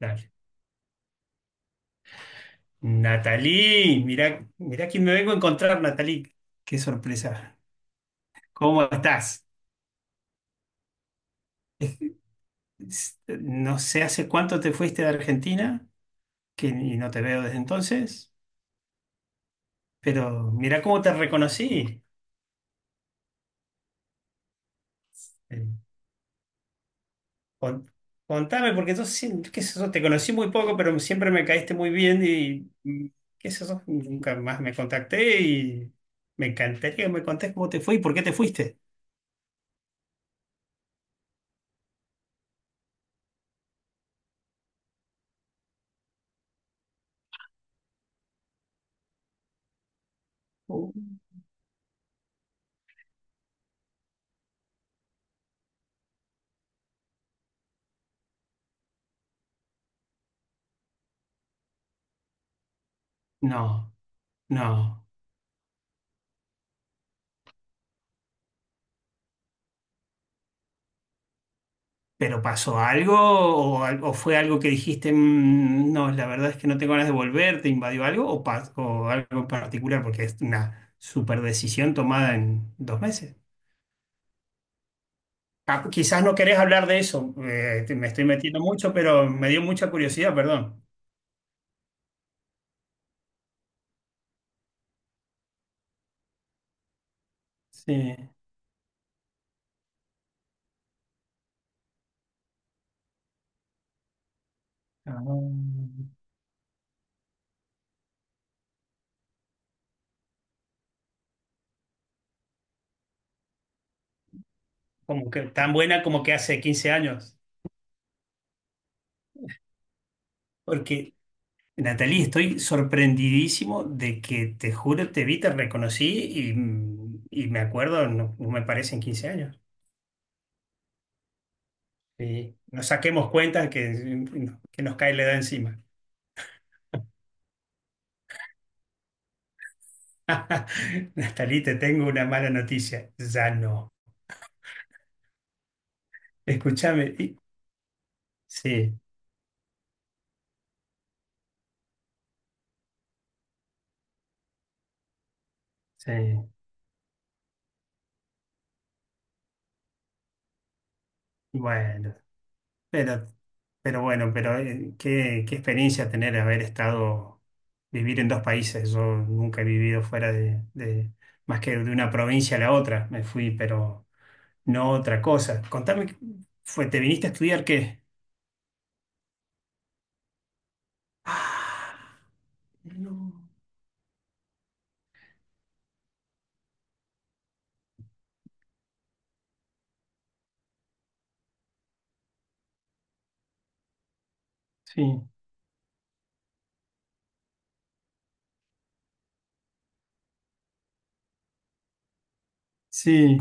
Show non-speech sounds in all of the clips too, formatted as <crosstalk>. Dale. Natalí, mirá, mirá quién me vengo a encontrar, Natalí. Qué sorpresa. ¿Cómo estás? Es- No sé hace cuánto te fuiste de Argentina, que y no te veo desde entonces, pero mirá cómo te reconocí. Eh, con- contame, porque yo qué sé yo, te conocí muy poco, pero siempre me caíste muy bien y qué sé yo, nunca más me contacté y me encantaría que me contés cómo te fue y por qué te fuiste. Uh. No, no. ¿Pero pasó algo o, o fue algo que dijiste, "Mm, no, la verdad es que no tengo ganas de volver, te invadió algo o, o algo en particular? Porque es una super decisión tomada en 2 meses. Ah, quizás no querés hablar de eso, me estoy metiendo mucho, pero me dio mucha curiosidad, perdón. Sí. Ah, como que tan buena como que hace 15 años. Porque Natalie, estoy sorprendidísimo de que te juro, te vi, te reconocí y, y me acuerdo, no, no me parecen 15 años. Sí. No saquemos cuentas que nos cae la edad encima. <laughs> Natalie, te tengo una mala noticia. Ya no. Escúchame. Sí, sí. Bueno. Pero, pero bueno, pero qué experiencia tener haber estado, vivir en dos países. Yo nunca he vivido fuera de más que de una provincia a la otra. Me fui, pero no otra cosa. Contame, fue, ¿te viniste a estudiar qué? Ah, no. Sí, sí,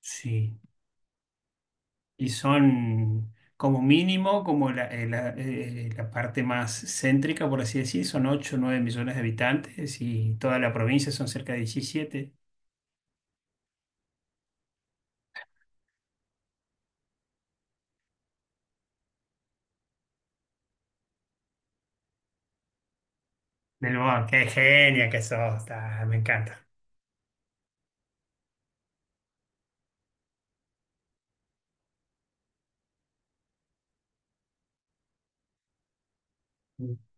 sí. Y son como mínimo, como la parte más céntrica, por así decir, son 8 o 9 millones de habitantes y toda la provincia son cerca de 17. Del Boa, qué genia que sos, ah, me encanta.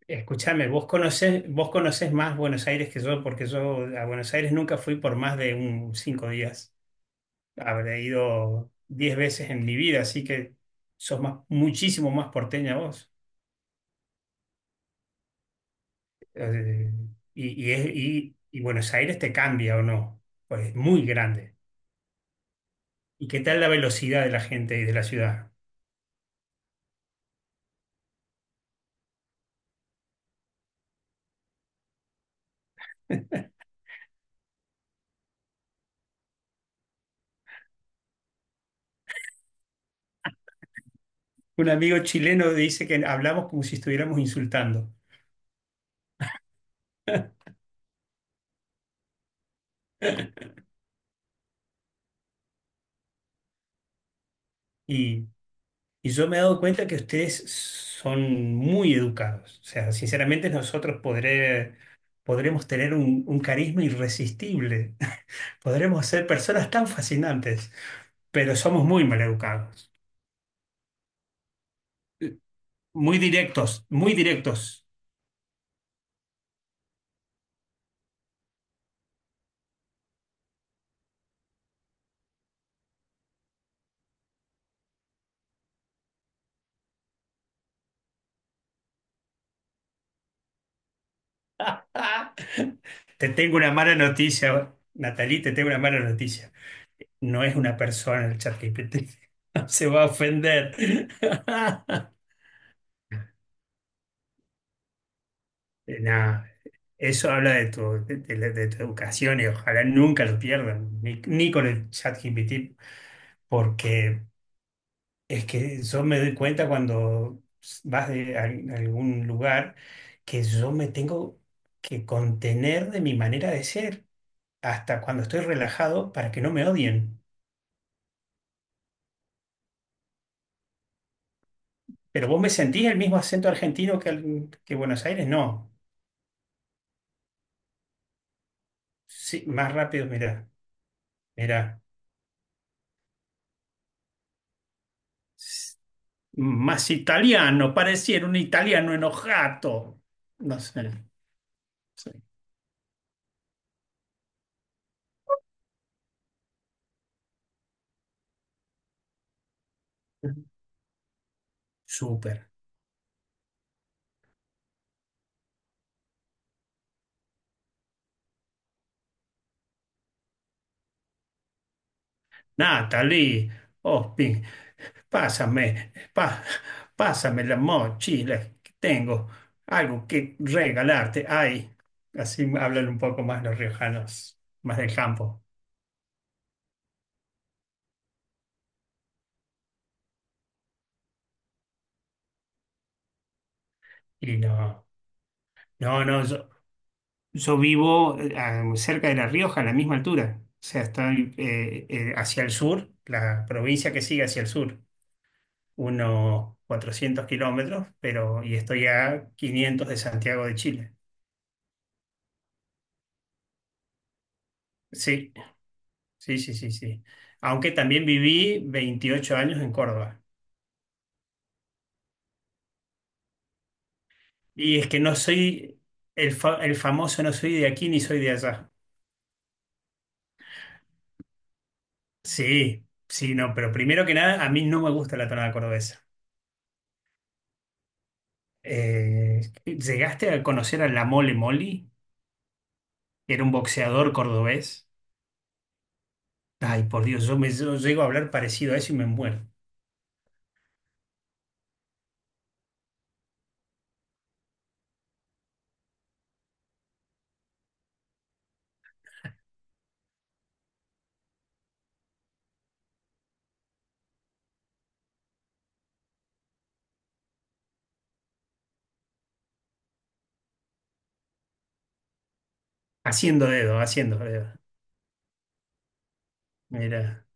Escúchame, vos conocés más Buenos Aires que yo, porque yo a Buenos Aires nunca fui por más de un 5 días. Habré ido 10 veces en mi vida, así que sos más, muchísimo más porteña vos. Eh, y Buenos Aires te cambia o no, pues es muy grande. ¿Y qué tal la velocidad de la gente y de la ciudad? Un amigo chileno dice que hablamos como si estuviéramos insultando. Y yo me he dado cuenta que ustedes son muy educados. O sea, sinceramente nosotros podremos tener un carisma irresistible. <laughs> Podremos ser personas tan fascinantes, pero somos muy mal educados. Muy directos, muy directos. <laughs> Te tengo una mala noticia, Natalie, te tengo una mala noticia. No es una persona el ChatGPT. <laughs> Se va a ofender. <laughs> Nah, Eso habla de tu educación y ojalá nunca lo pierdan, ni con el chat GPT, porque es que yo me doy cuenta cuando vas a algún lugar que yo me tengo que contener de mi manera de ser hasta cuando estoy relajado para que no me odien. Pero vos me sentís el mismo acento argentino que, que Buenos Aires, no. Sí, más rápido, mirá, mirá. Más italiano, pareciera un italiano enojato. No sé. Sí. Súper. Natalie, Ospin, pásame, pa- pásame la mochila que tengo, algo que regalarte. Ay, así hablan un poco más los riojanos, más del campo. Y no, no, no, yo vivo cerca de La Rioja, a la misma altura. O sea, estoy hacia el sur, la provincia que sigue hacia el sur. Unos 400 kilómetros, pero y estoy a 500 de Santiago de Chile. Sí, sí, sí, sí, sí. Aunque también viví 28 años en Córdoba. Y es que no soy el famoso, no soy de aquí ni soy de allá. Sí, sí, no, pero primero que nada, a mí no me gusta la tonada cordobesa. ¿Llegaste a conocer a La Mole Moli? Que Era un boxeador cordobés. Ay, por Dios, yo llego a hablar parecido a eso y me muero. Haciendo dedo, haciendo dedo. Mira.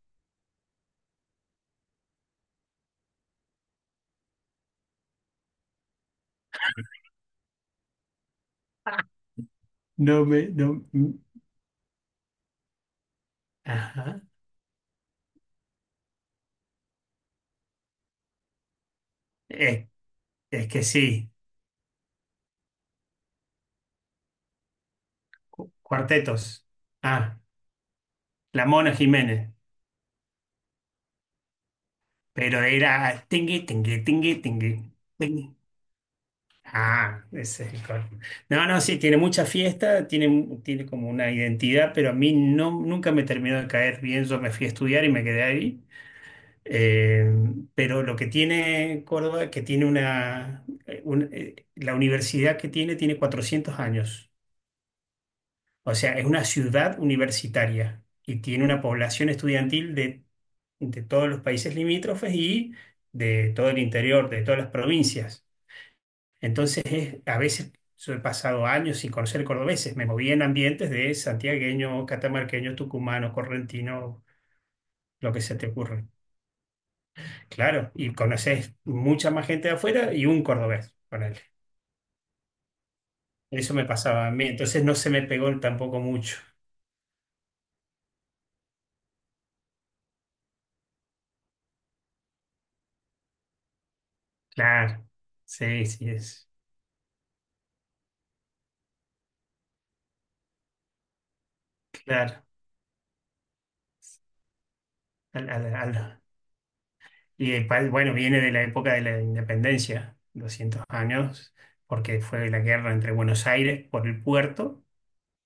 No. Mm, ajá. Eh, es que sí, cuartetos. Ah, la Mona Jiménez. Pero era tingui, tingui, tingui, tingui, tingui. Ah, ese es el cor- No, no, sí, tiene mucha fiesta, tiene como una identidad, pero a mí no, nunca me terminó de caer bien. Yo me fui a estudiar y me quedé ahí. Eh, pero lo que tiene Córdoba, que tiene la universidad que tiene 400 años. O sea, es una ciudad universitaria y tiene una población estudiantil de todos los países limítrofes y de todo el interior, de todas las provincias. Entonces, a veces yo he pasado años sin conocer cordobeses, me moví en ambientes de santiagueño, catamarqueño, tucumano, correntino, lo que se te ocurra. Claro, y conoces mucha más gente de afuera y un cordobés, ponele. Eso me pasaba a mí, entonces no se me pegó tampoco mucho. Claro, sí, sí, es claro. Al- al- al- Y el país, bueno, viene de la época de la independencia, 200 años, porque fue la guerra entre Buenos Aires por el puerto,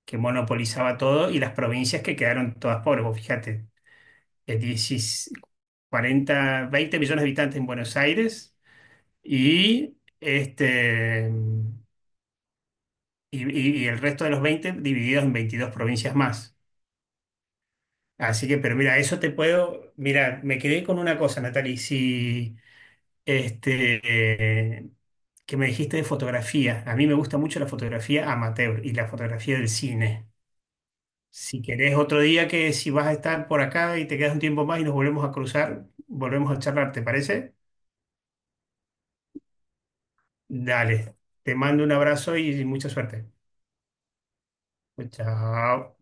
que monopolizaba todo, y las provincias que quedaron todas pobres. Vos fíjate, 16 40, 20 millones de habitantes en Buenos Aires y, este, y el resto de los 20 divididos en 22 provincias más. Así que, pero mira, eso te puedo, mira, me quedé con una cosa, Natalie, si. Este, eh, que me dijiste de fotografía. A mí me gusta mucho la fotografía amateur y la fotografía del cine. Si querés otro día que si vas a estar por acá y te quedas un tiempo más y nos volvemos a cruzar, volvemos a charlar, ¿te parece? Dale, te mando un abrazo y mucha suerte. Chao.